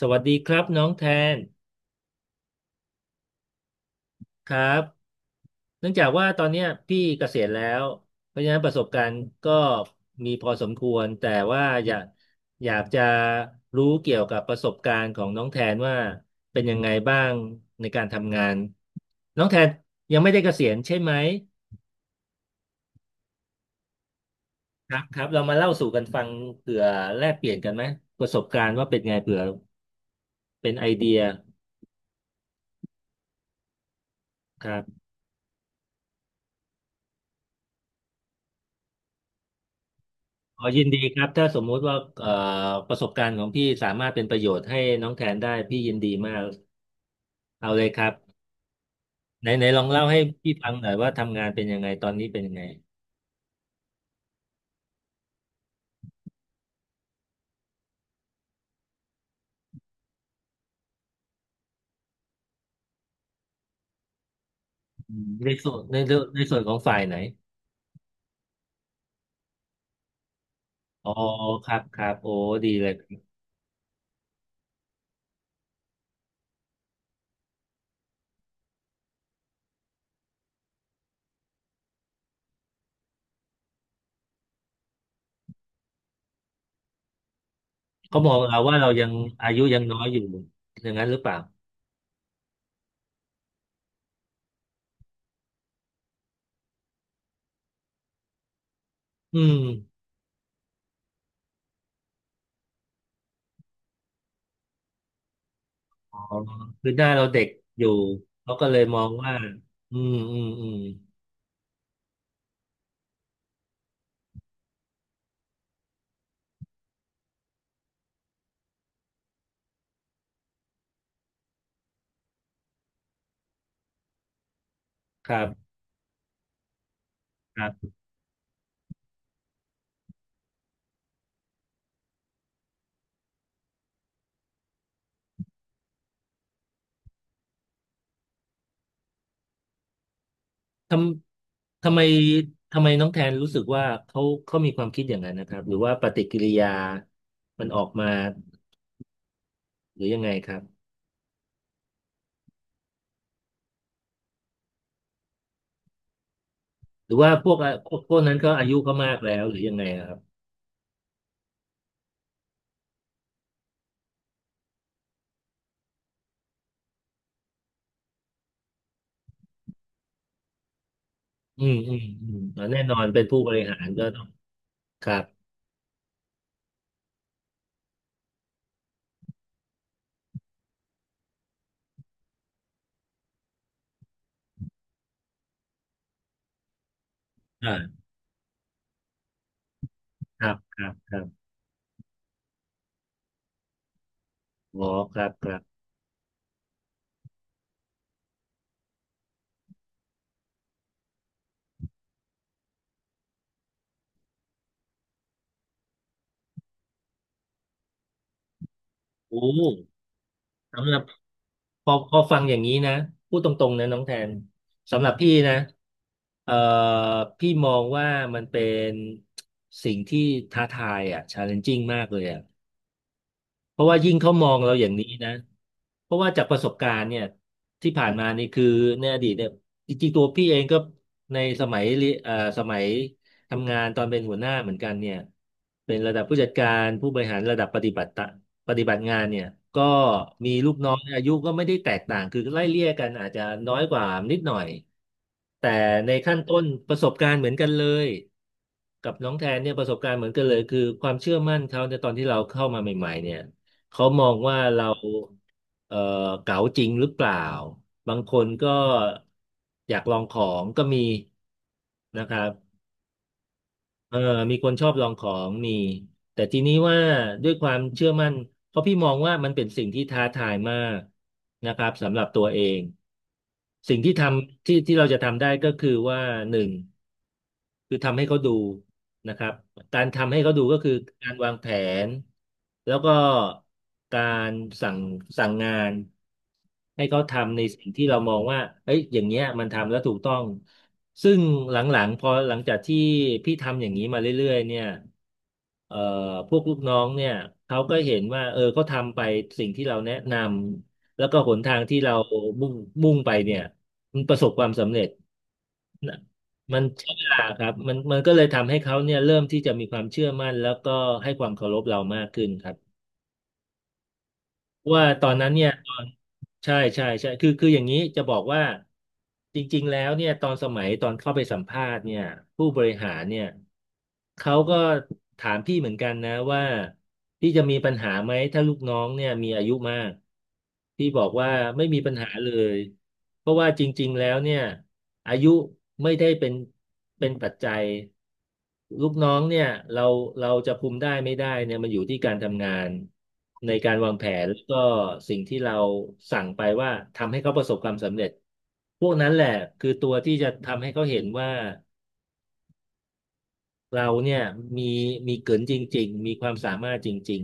สวัสดีครับน้องแทนครับเนื่องจากว่าตอนเนี้ยพี่เกษียณแล้วเพราะฉะนั้นประสบการณ์ก็มีพอสมควรแต่ว่าอยากจะรู้เกี่ยวกับประสบการณ์ของน้องแทนว่าเป็นยังไงบ้างในการทำงานน้องแทนยังไม่ได้เกษียณใช่ไหมครับครับเรามาเล่าสู่กันฟังเผื่อแลกเปลี่ยนกันไหมประสบการณ์ว่าเป็นไงเผื่อเป็นไอเดียครับ ขอยินดีครับถ้าสมมุติว่าประสบการณ์ของพี่สามารถเป็นประโยชน์ให้น้องแทนได้พี่ยินดีมากเอาเลยครับไหนไหนลองเล่าให้พี่ฟังหน่อยว่าทำงานเป็นยังไงตอนนี้เป็นยังไงอืมในส่วนในเรื่องในส่วนของฝ่ายไหนอ๋อครับครับโอ้ดีเลยเขามองเราว่าเรายังอายุยังน้อยอยู่อย่างนั้นหรือเปล่าอืมอ๋อคือหน้าเราเด็กอยู่เขาก็เลยมองว่าอืมอืมอืมครับ ทำทำไมทำไมน้องแทนรู้สึกว่าเขามีความคิดอย่างนั้นนะครับหรือว่าปฏิกิริยามันออกมาหรือยังไงครับหรือว่าพวกพวกนั้นก็อายุก็มากแล้วหรือยังไงอะครับอืมอืมอืมอ่าแน่นอนเป็นผู้บริหารก็ต้องครับอ่าครับครับครับอ๋อครับครับโอ้สำหรับ พอพอฟังอย่างนี้นะพูดตรงๆนะน้องแทนสำหรับพี่นะเอ่อพี่มองว่ามันเป็นสิ่งที่ท้าทายอ่ะ challenging มากเลยอ่ะ เพราะว่ายิ่งเขามองเราอย่างนี้นะ เพราะว่าจากประสบการณ์เนี่ยที่ผ่านมานี่คือในอดีตเนี่ยจริงๆตัวพี่เองก็ในสมัยเรียเอ่อสมัยทำงานตอนเป็นหัวหน้าเหมือนกันเนี่ยเป็นระดับผู้จัดการผู้บริหารระดับปฏิบัติงานเนี่ยก็มีลูกน้องอายุก็ไม่ได้แตกต่างคือไล่เลี่ยกันอาจจะน้อยกว่านิดหน่อยแต่ในขั้นต้นประสบการณ์เหมือนกันเลยกับน้องแทนเนี่ยประสบการณ์เหมือนกันเลยคือความเชื่อมั่นเขาในตอนที่เราเข้ามาใหม่ๆเนี่ย เขามองว่าเราเอ่อเก๋าจริงหรือเปล่าบางคนก็อยากลองของก็มีนะครับเออมีคนชอบลองของมีแต่ทีนี้ว่าด้วยความเชื่อมั่นเพราะพี่มองว่ามันเป็นสิ่งที่ท้าทายมากนะครับสำหรับตัวเองสิ่งที่ทำที่ที่เราจะทำได้ก็คือว่าหนึ่ง คือทำให้เขาดูนะครับ การทำให้เขาดูก็คือการวางแผนแล้วก็การสั่งสั่งงานให้เขาทำในสิ่งที่เรามองว่าเอ้ยอย่างเงี้ยมันทำแล้วถูกต้องซึ่งหลังๆพอหลังจากที่พี่ทำอย่างนี้มาเรื่อยๆเนี่ยเอ่อพวกลูกน้องเนี่ยเขาก็เห็นว่าเออเขาทำไปสิ่งที่เราแนะนำแล้วก็หนทางที่เรามุ่งมุ่งไปเนี่ยมันประสบความสำเร็จ น่ะมันใช้เวลาครับมันก็เลยทำให้เขาเนี่ยเริ่มที่จะมีความเชื่อมั่นแล้วก็ให้ความเคารพเรามากขึ้นครับ เพราะว่าตอนนั้นเนี่ยตอนใช่ใช่ใช่คือคืออย่างนี้จะบอกว่าจริงๆแล้วเนี่ยตอนสมัยตอนเข้าไปสัมภาษณ์เนี่ยผู้บริหารเนี่ยเขาก็ถามพี่เหมือนกันนะว่าพี่จะมีปัญหาไหมถ้าลูกน้องเนี่ยมีอายุมากพี่บอกว่าไม่มีปัญหาเลยเพราะว่าจริงๆแล้วเนี่ยอายุไม่ได้เป็นเป็นปัจจัย ลูกน้องเนี่ยเราเราจะคุมได้ไม่ได้เนี่ยมันอยู่ที่การทำงานในการวางแผนแล้วก็สิ่งที่เราสั่งไปว่าทำให้เขาประสบความสำเร็จพวกนั้นแหละคือตัวที่จะทำให้เขาเห็นว่าเราเนี่ยมีมีเกินจริงๆมีความสามารถจริง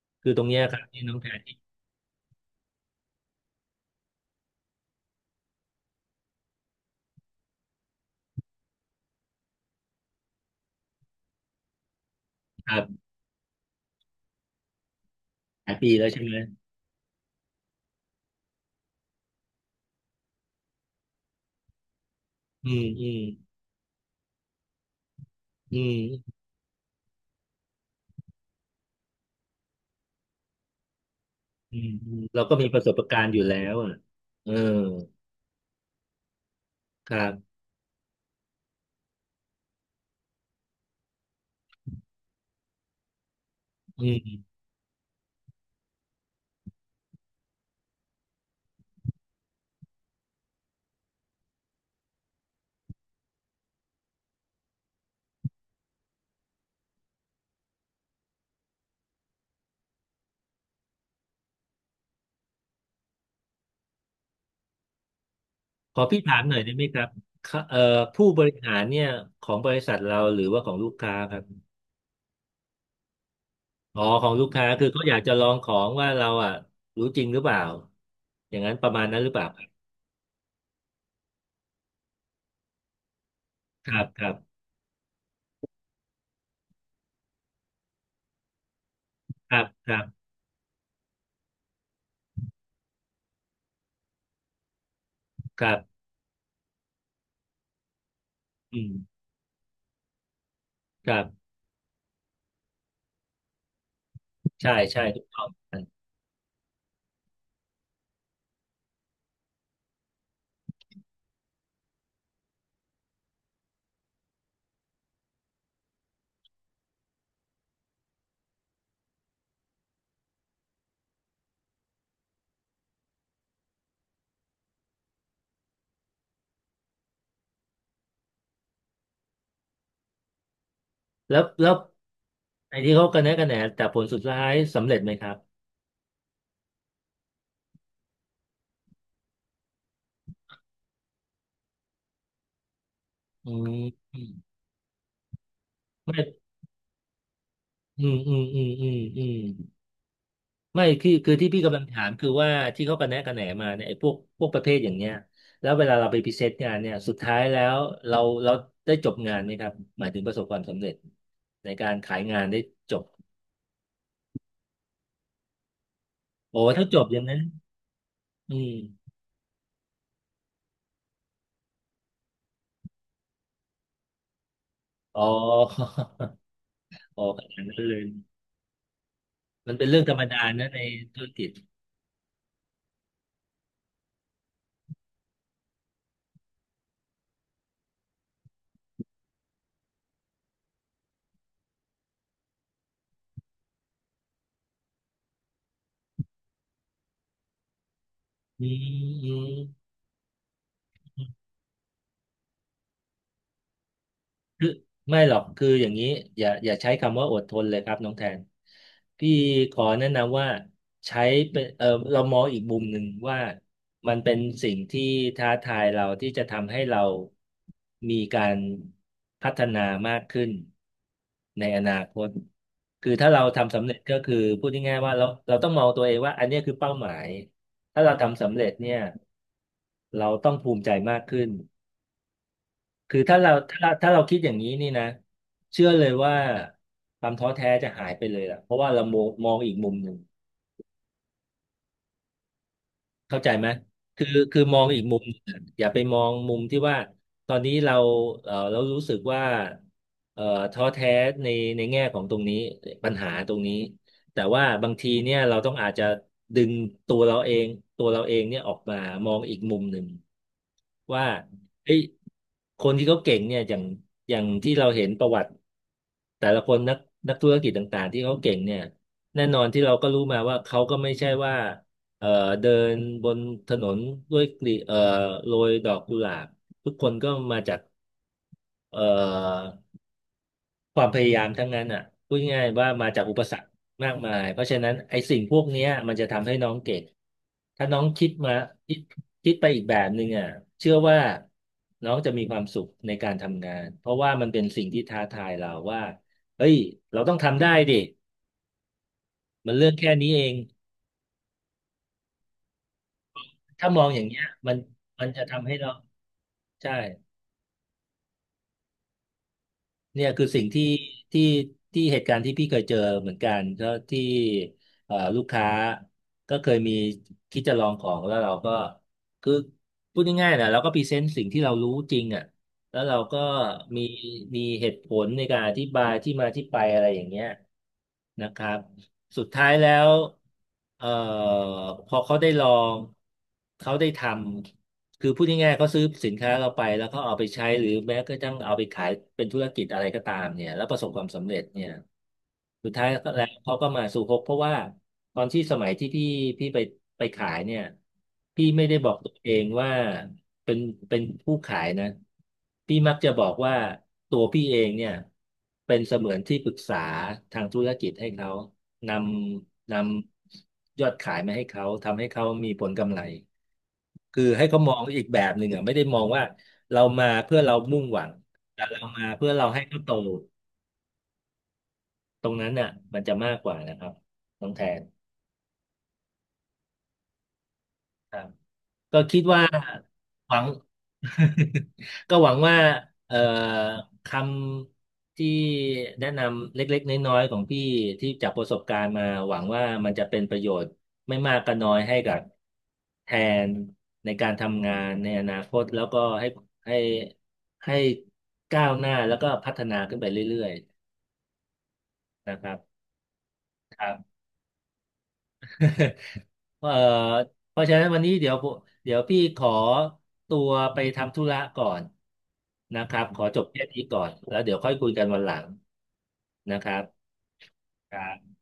ๆคือตรงเนี้ยครับที่น้องแพรที่คหลายปีแล้วใช่ไหมอืมอืมอืมอืมอืมเราก็มีประสบการณ์อยู่แล้วอ่ะเออครับอืม ขอพี่ถามหน่อยได้ไหมครับค่ะผู้บริหารเนี่ยของบริษัทเราหรือว่าของลูกค้าครับอ๋อของลูกค้าคือเขาอยากจะลองของว่าเราอ่ะรู้จริงหรือเปล่าอย่างนั้นประมาณนั้นหรือเปล่าครับครับครับครับครับอืมครับใช่ใช่ถูกต้องแล้วแล้วไอ้ที่เขากระแนะกระแหนแต่ผลสุดท้ายสำเร็จไหมครับอืมอืมไม่อืมอืมอืมอืมอืม ไม่คือที่พี่กำลังถามคือว่าที่เขากระแนะกระแหนมาเนี่ยไอ้พวกประเภทอย่างเนี้ยแล้วเวลาเราไปพรีเซนต์งานเนี่ยสุดท้ายแล้วเราเราได้จบงานไหมครับหมายถึงประสบความสำเร็จในการขายงานได้จบโอ้ถ้าจบอย่างนั้นอืมอ๋อ อ๋อขนาดนั้นเลยมันเป็นเรื่องธรรมดานะในธุรกิจอืมอืม คือไม่หรอกคืออย่างนี้อย่าใช้คำว่าอดทนเลยครับน้องแทนพี่ขอแนะนำว่าใช้เป็นเรามองอีกมุมหนึ่งว่ามันเป็นสิ่งที่ท้าทายเราที่จะทำให้เรามีการพัฒนามากขึ้นในอนาคตคือถ้าเราทำสำเร็จก็คือพูดง่ายๆว่าเราต้องมองตัวเองว่าอันเนี้ยคือเป้าหมายถ้าเราทำสำเร็จเนี่ยเราต้องภูมิใจมากขึ้น คือถ้าเราถ้าเราคิดอย่างนี้นี่นะเชื่อเลยว่าความท้อแท้จะหายไปเลยล่ะเพราะว่าเรามองอีกมุมหนึ่ง เข้าใจไหมคือคือมองอีกมุมหนึ่งอย่าไปมองมุมที่ว่า ตอนนี้เราเรารู้สึกว่าเออท้อแท้ในแง่ของตรงนี้ปัญหาตรงนี้ แต่ว่าบางทีเนี่ยเราต้องอาจจะดึงตัวเราเอง ตัวเราเองเนี่ยออกมามองอีกมุมหนึ่งว่าเฮ้ยคนที่เขาเก่งเนี่ยอย่างที่เราเห็นประวัติแต่ละคนนักธุรกิจต่างๆที่เขาเก่งเนี่ยแน่นอนที่เราก็รู้มาว่าเขาก็ไม่ใช่ว่า เอ่อเดินบนถนนด้วยกลีโรยดอกกุหลาบทุกคนก็มาจากเอ่อความพยายามทั้งนั้นอ่ะพูดง่ายๆว่ามาจากอุปสรรคมากมายเพราะฉะนั้นไอ้สิ่งพวกเนี้ยมันจะทำให้น้องเก่งถ้าน้องคิดมาคิดคิดไปอีกแบบหนึ่งอ่ะเชื่อว่าน้องจะมีความสุขในการทำงานเพราะว่ามันเป็นสิ่งที่ท้าทายเราว่าเฮ้ยเราต้องทำได้ดิมันเรื่องแค่นี้เองถ้ามองอย่างเงี้ยมันจะทำให้เราใช่ เนี่ยคือสิ่งที่ที่ที่เหตุการณ์ที่พี่เคยเจอเหมือนกันก็ที่ลูกค้าก็เคยมีคิดจะลองของแล้วเราก็คือพูดง่ายๆนะเราก็พรีเซนต์สิ่งที่เรารู้จริงอ่ะแล้วเราก็มีมีเหตุผลในการอธิบายที่มาที่ไปอะไรอย่างเงี้ยนะครับสุดท้ายแล้วเอ่อพอเขาได้ลองเขาได้ทำ คือพูดง่ายๆเขาซื้อสินค้าเราไปแล้วเขาเอาไปใช้หรือแม้กระทั่งเอาไปขายเป็นธุรกิจอะไรก็ตามเนี่ยแล้วประสบความสำเร็จเนี่ยสุดท้ายแล้วเขาก็มาสู่ฮกเพราะว่าตอนที่สมัยที่พี่ไปขายเนี่ยพี่ไม่ได้บอกตัวเองว่าเป็นเป็นผู้ขายนะพี่มักจะบอกว่าตัวพี่เองเนี่ยเป็นเสมือนที่ปรึกษาทางธุรกิจให้เขานนำยอดขายมาให้เขาทำให้เขามีผลกำไร คือให้เขามองอีกแบบหนึ่งอ่ะไม่ได้มองว่าเรามาเพื่อเรามุ่งหวังแต่เรามาเพื่อเราให้เขาโตตรงนั้นน่ะมันจะมากกว่านะครับน้องแทนครับ ก็คิดว่าหวัง ก็หวังว่าเอ่อคำที่แนะนำเล็กๆน้อยๆของพี่ที่จากประสบการณ์มาหวังว่ามันจะเป็นประโยชน์ไม่มากก็น้อยให้กับแทนในการทำงานในอนาคตแล้วก็ให้ให้ก้าวหน้าแล้วก็พัฒนาขึ้นไปเรื่อยๆนะครับ เอ่อเพราะฉะนั้นวันนี้เดี๋ยวพี่ขอตัวไปทำธุระก่อนนะครับขอจบแค่นี้ก่อนแล้วเดี๋ยวค่อยคุยกันวันหลังนะครับ